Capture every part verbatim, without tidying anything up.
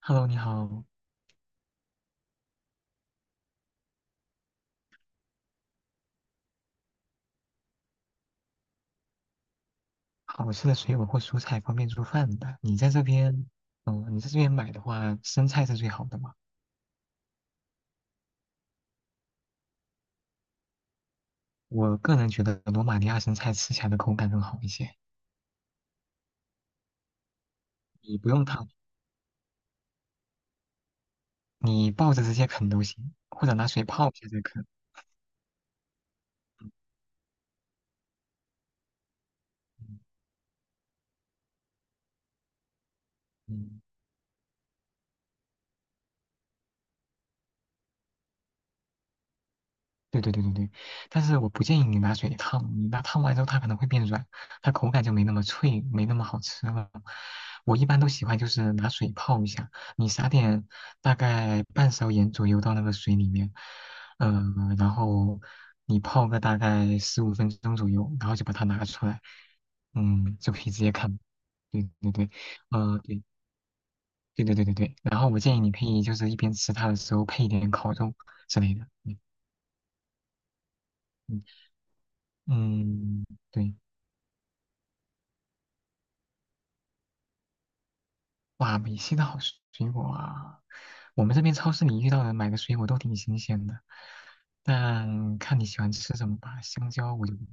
Hello，你好，好吃的水果或蔬菜方便做饭的。你在这边，嗯，你在这边买的话，生菜是最好的嘛？我个人觉得罗马尼亚生菜吃起来的口感更好一些，你不用烫，你抱着直接啃都行，或者拿水泡一下再啃。嗯嗯，嗯对对对对对，但是我不建议你拿水烫，你拿烫完之后它可能会变软，它口感就没那么脆，没那么好吃了。我一般都喜欢就是拿水泡一下，你撒点大概半勺盐左右到那个水里面，嗯、然后你泡个大概十五分钟左右，然后就把它拿出来，嗯，就可以直接看。对对对，呃，对对对对对对，然后我建议你可以就是一边吃它的时候配一点烤肉之类的，嗯。嗯嗯，对，哇，美西的好水水果啊！我们这边超市里遇到的买的水果都挺新鲜的，但看你喜欢吃什么吧。香蕉我就不，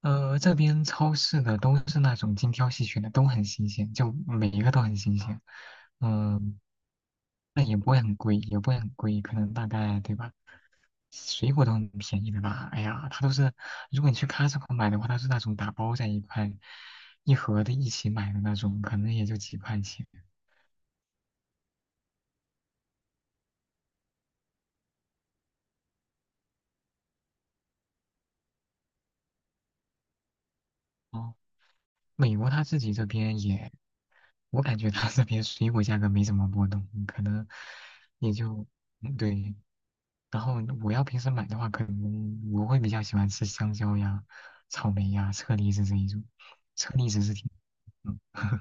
呃，这边超市的都是那种精挑细选的，都很新鲜，就每一个都很新鲜。嗯，但也不会很贵，也不会很贵，可能大概对吧？水果都很便宜的吧？哎呀，它都是，如果你去 Costco 买的话，它是那种打包在一块，一盒的一起买的那种，可能也就几块钱。哦，美国它自己这边也，我感觉它这边水果价格没怎么波动，可能也就，嗯对。然后我要平时买的话，可能我会比较喜欢吃香蕉呀、草莓呀、车厘子这一种，车厘子是挺，嗯，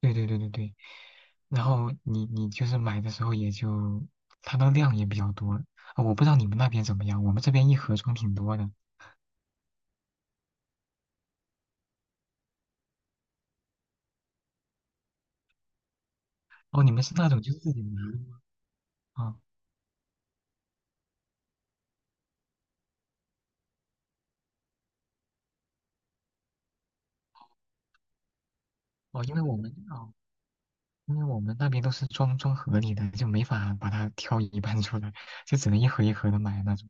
对对对对对。然后你你就是买的时候也就它的量也比较多，啊，我不知道你们那边怎么样，我们这边一盒装挺多的。哦，你们是那种就是自己拿的吗？啊，哦，因为我们哦，因为我们那边都是装装盒里的，就没法把它挑一半出来，就只能一盒一盒的买那种，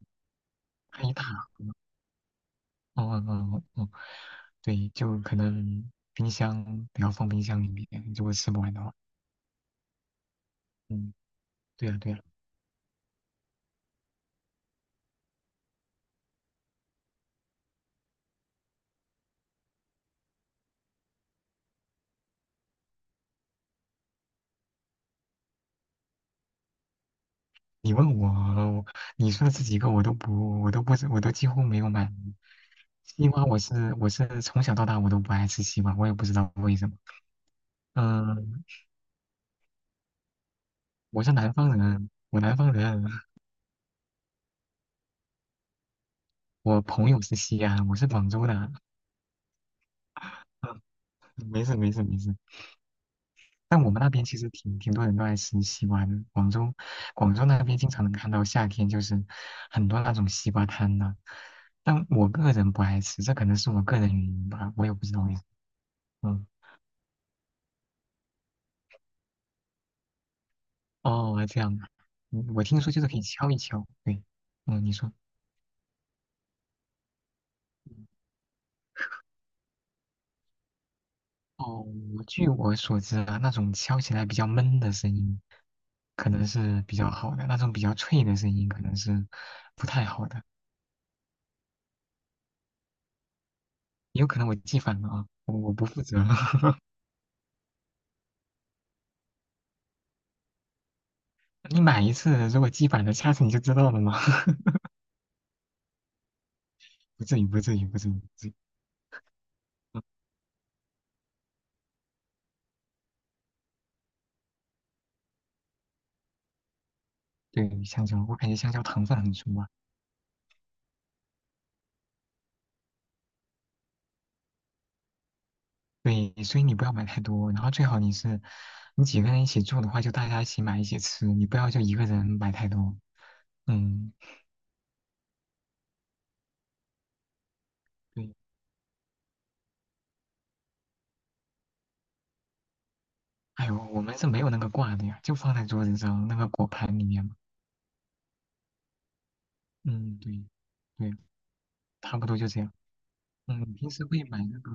它一大盒。哦哦哦哦，对，就可能冰箱不要放冰箱里面，如果吃不完的话。嗯，对呀对呀。你问我，你说的这几个我都不，我都不，我都几乎没有买。西瓜我是我是从小到大我都不爱吃西瓜，我也不知道为什么。嗯，我是南方人，我南方人，我朋友是西安，我是广州的。嗯，没事没事没事。但我们那边其实挺挺多人都爱吃西瓜的，广州广州那边经常能看到夏天就是很多那种西瓜摊的。但我个人不爱吃，这可能是我个人原因吧，我也不知道为什么。嗯。哦，这样啊，嗯我听说就是可以敲一敲，对，嗯，你说。哦，我据我所知啊，那种敲起来比较闷的声音，可能是比较好的；那种比较脆的声音，可能是不太好的。也有可能我记反了啊，我我不负责。你买一次，如果记反了，下次你就知道了嘛。不至于，不至于，不至于，不至于。嗯对，香蕉，我感觉香蕉糖分很足啊，对，所以你不要买太多，然后最好你是，你几个人一起住的话，就大家一起买一起吃，你不要就一个人买太多。嗯，对。哎呦，我们是没有那个挂的呀，就放在桌子上那个果盘里面嘛。嗯，对，对，差不多就这样。嗯，你平时会买那个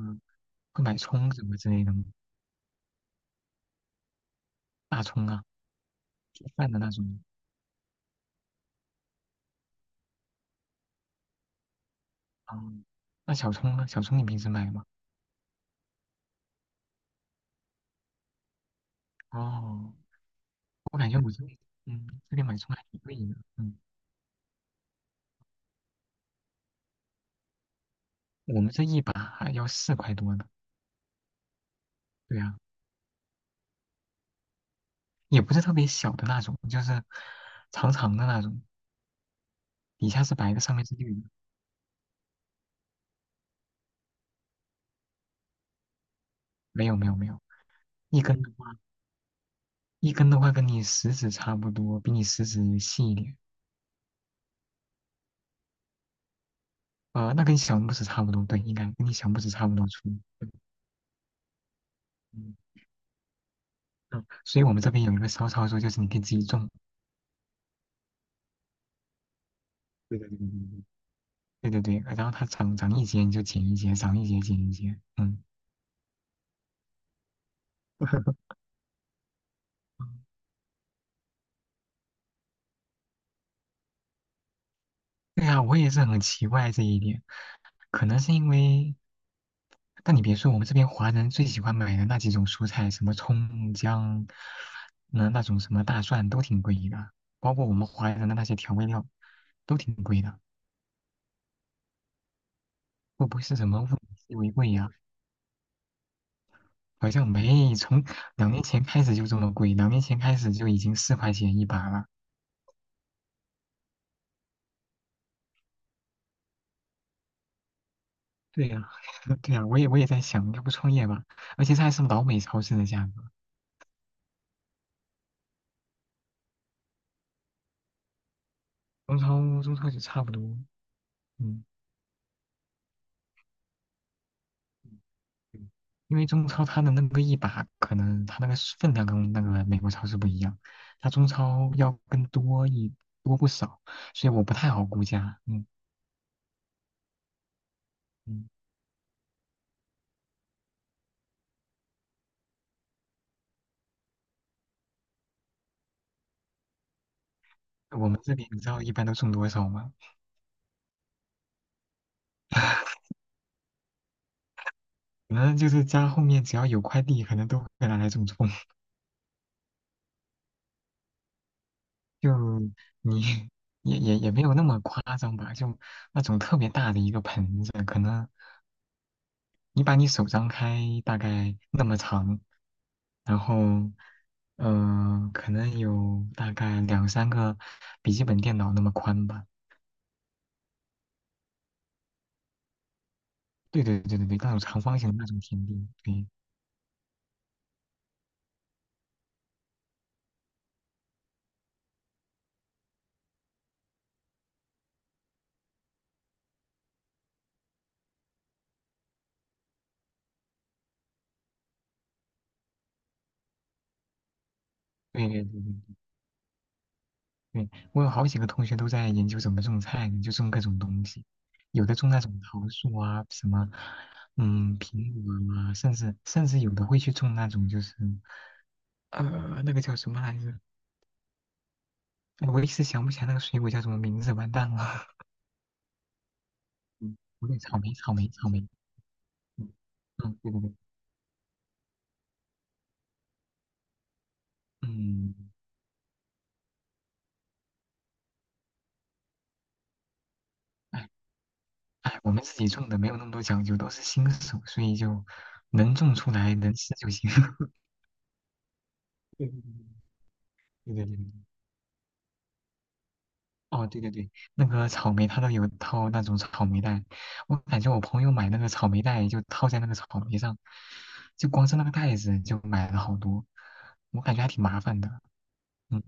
会买葱什么之类的吗？大葱啊，做饭的那种。啊，那小葱呢？小葱你平时买吗？哦，我感觉我这边，嗯，这边买葱还挺贵的。嗯，我们这一把还要四块多呢。对呀。也不是特别小的那种，就是长长的那种，底下是白的，上面是绿的。没有没有没有，一根的话，一根的话跟你食指差不多，比你食指细一点。呃，那跟小拇指差不多，对，应该跟你小拇指差不多粗。对嗯嗯，所以我们这边有一个骚操作，就是你可以自己种。对对对对对对对对，然后它长长一节你就剪一节，长一节剪一节。嗯，对呀，我也是很奇怪这一点，可能是因为，但你别说，我们这边华人最喜欢买的那几种蔬菜，什么葱姜，那那种什么大蒜都挺贵的，包括我们华人的那些调味料都挺贵的。会不会是什么物以稀为贵呀？好像没，从两年前开始就这么贵，两年前开始就已经四块钱一把了。对呀，对呀，我也我也在想，要不创业吧，而且这还是老美超市的价格，中超中超就差不多，嗯。因为中超它的那个一把，可能它那个是分量跟那个美国超市不一样，它中超要更多一多不少，所以我不太好估价。嗯嗯，我们这里你知道一般都种多少吗？可能就是家后面只要有块地，可能都会拿来种种。就你也也也没有那么夸张吧，就那种特别大的一个盆子，可能你把你手张开大概那么长，然后，嗯，可能有大概两三个笔记本电脑那么宽吧。对对对对对，那种长方形的那种田地。对对对对对对，我有好几个同学都在研究怎么种菜呢，就种各种东西，有的种那种桃树啊，什么，嗯，苹果啊，甚至甚至有的会去种那种就是，呃，那个叫什么来着？哎我一时想不起来那个水果叫什么名字，完蛋了。嗯，不对，草莓，草莓，草莓。嗯，嗯对对对，嗯。哎，我们自己种的没有那么多讲究，都是新手，所以就能种出来能吃就行。对对对对对对哦，对对对，那个草莓它都有套那种草莓袋，我感觉我朋友买那个草莓袋就套在那个草莓上，就光是那个袋子就买了好多，我感觉还挺麻烦的。嗯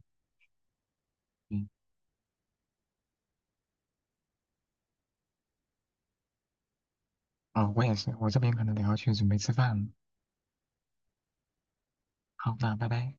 嗯，啊，我也是，我这边可能得要去准备吃饭了。好，那拜拜。